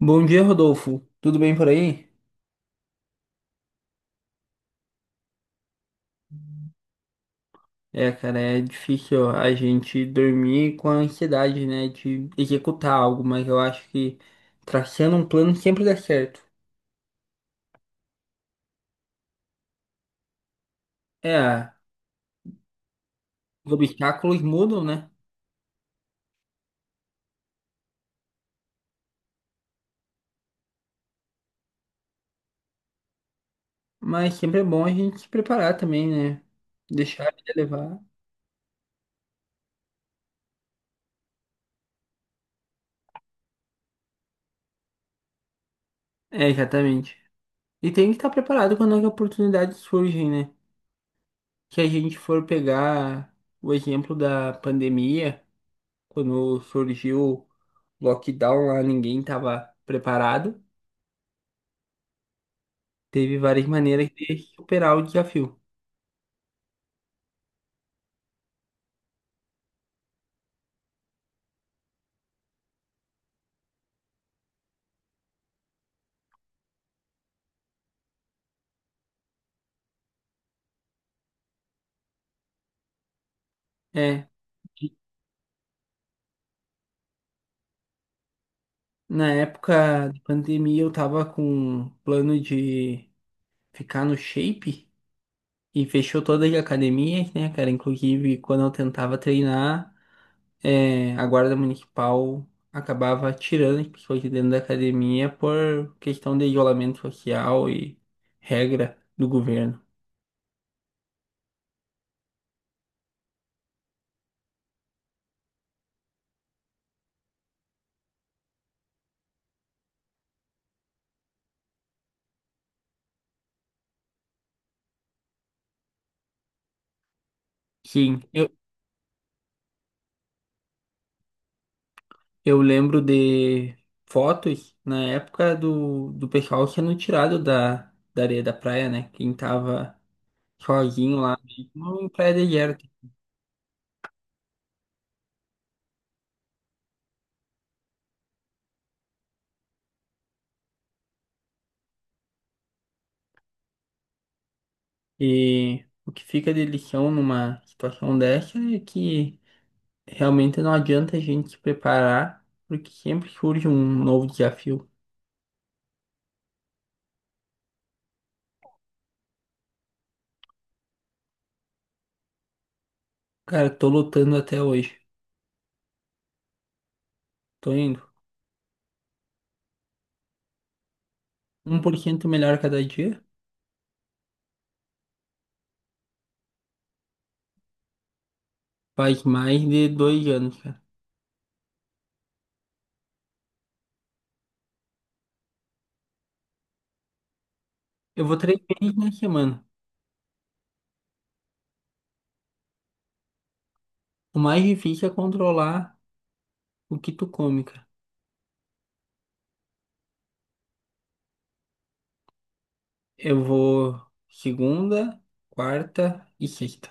Bom dia, Rodolfo. Tudo bem por aí? É, cara, é difícil a gente dormir com a ansiedade, né, de executar algo, mas eu acho que traçando um plano sempre dá certo. É, os obstáculos mudam, né? Mas sempre é bom a gente se preparar também, né? Deixar a vida levar. É, exatamente. E tem que estar preparado quando as oportunidades surgem, né? Se a gente for pegar o exemplo da pandemia. Quando surgiu o lockdown lá, ninguém estava preparado. Teve várias maneiras de superar o desafio. É, na época de pandemia, eu tava com um plano de ficar no shape e fechou todas as academias, né, cara? Inclusive, quando eu tentava treinar, é, a guarda municipal acabava tirando as pessoas de dentro da academia por questão de isolamento social e regra do governo. Sim, eu lembro de fotos na época do pessoal sendo tirado da areia da praia, né? Quem tava sozinho lá, mesmo em praia deserta. E o que fica de lição numa situação dessa é que realmente não adianta a gente se preparar, porque sempre surge um novo desafio. Cara, tô lutando até hoje. Tô indo. 1% melhor cada dia. Faz mais de 2 anos, cara. Eu vou 3 vezes na semana. O mais difícil é controlar o que tu come, cara? Eu vou segunda, quarta e sexta.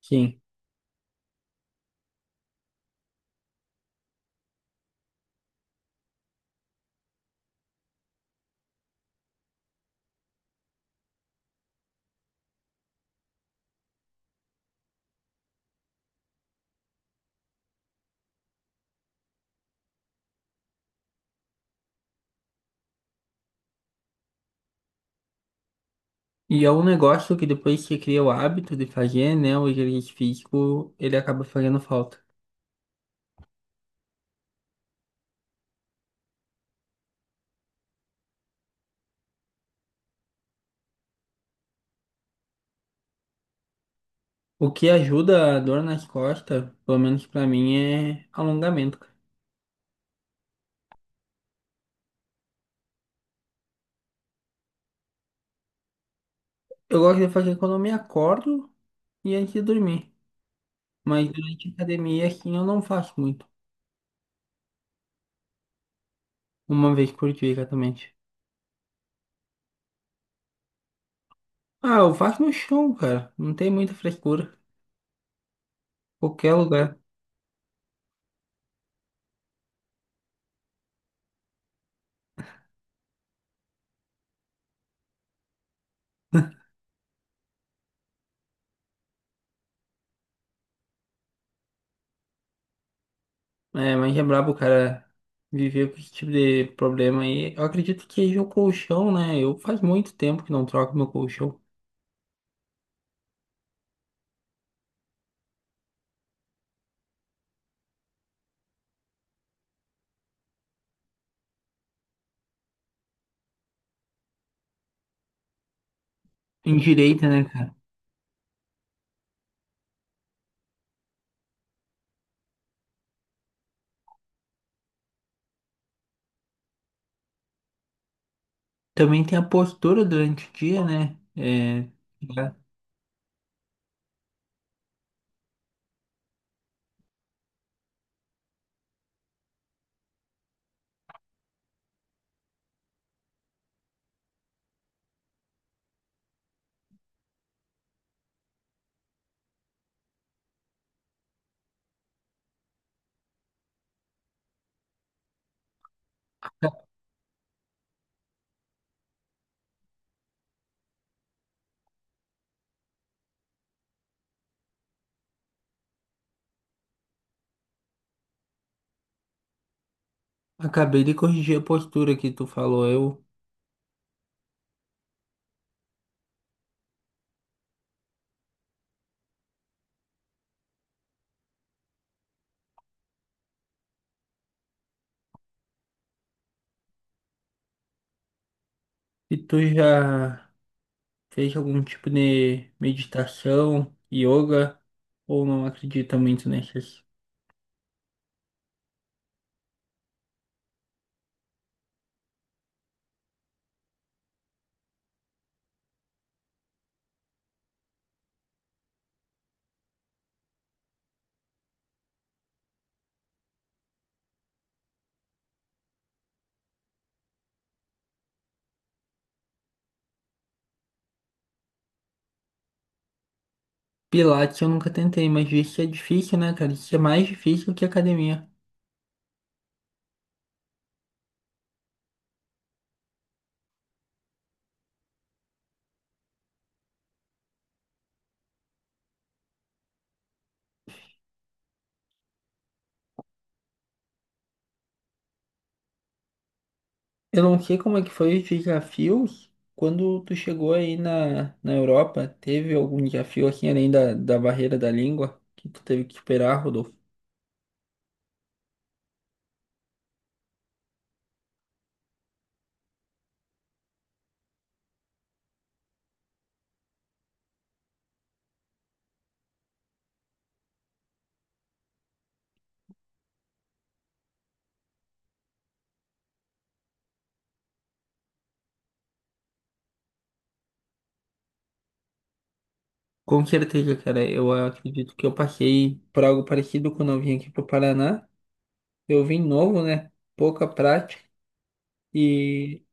Sim. E é um negócio que depois que você cria o hábito de fazer, né? O exercício físico, ele acaba fazendo falta. O que ajuda a dor nas costas, pelo menos pra mim, é alongamento, cara. Eu gosto de fazer quando eu me acordo e antes de dormir. Mas durante a academia, assim, eu não faço muito. Uma vez por dia, exatamente. Ah, eu faço no chão, cara. Não tem muita frescura. Qualquer lugar. É, mas é brabo o cara viver com esse tipo de problema aí. Eu acredito que seja o colchão, né? Eu faz muito tempo que não troco meu colchão. Em direita, né, cara? Também tem a postura durante o dia, né? É, já- acabei de corrigir a postura que tu falou. E tu já fez algum tipo de meditação, yoga, ou não acredita muito nessas. Pilates eu nunca tentei, mas isso é difícil, né, cara? Isso é mais difícil que academia. Eu não sei como é que foi os desafios quando tu chegou aí na Europa. Teve algum desafio assim além da barreira da língua que tu teve que esperar, Rodolfo? Com certeza, cara. Eu acredito que eu passei por algo parecido quando eu vim aqui pro Paraná. Eu vim novo, né? Pouca prática. E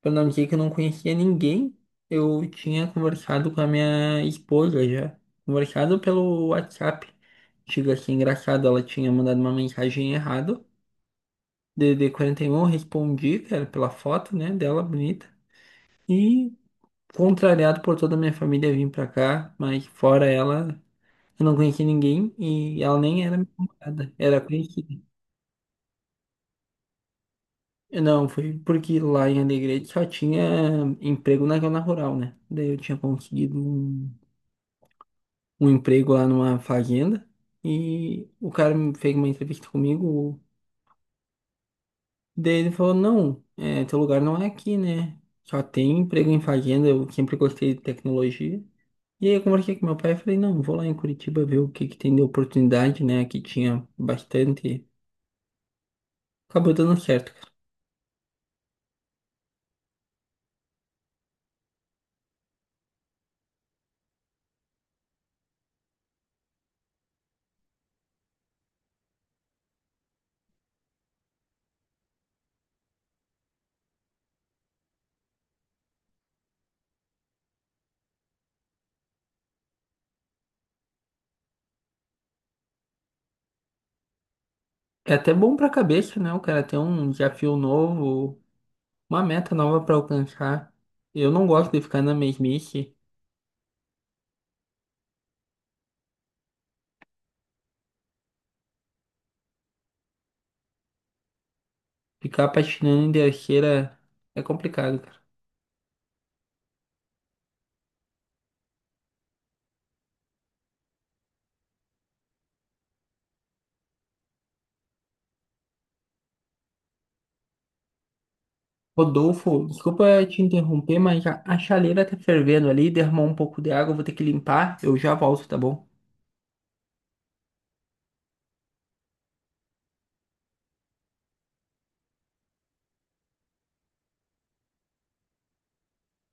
pra não dizer que eu não conhecia ninguém, eu tinha conversado com a minha esposa já. Conversado pelo WhatsApp. Digo assim, engraçado, ela tinha mandado uma mensagem errada. D D quarenta DDD41, respondi, cara, pela foto, né, dela bonita. E contrariado por toda a minha família vim pra cá, mas fora ela, eu não conheci ninguém e ela nem era minha namorada, era conhecida. Eu não, foi porque lá em Alegrete só tinha emprego na zona rural, né? Daí eu tinha conseguido um emprego lá numa fazenda e o cara me fez uma entrevista comigo. Daí ele falou, não, é, teu lugar não é aqui, né? Só tem emprego em fazenda, eu sempre gostei de tecnologia. E aí eu conversei com meu pai e falei, não, vou lá em Curitiba ver o que que tem de oportunidade, né? Aqui tinha bastante. Acabou dando certo. É até bom pra cabeça, né? O cara ter um desafio novo, uma meta nova pra alcançar. Eu não gosto de ficar na mesmice. Ficar patinando em terceira é complicado. Rodolfo, desculpa te interromper, mas já a chaleira tá fervendo ali, derramou um pouco de água, eu vou ter que limpar, eu já volto, tá bom?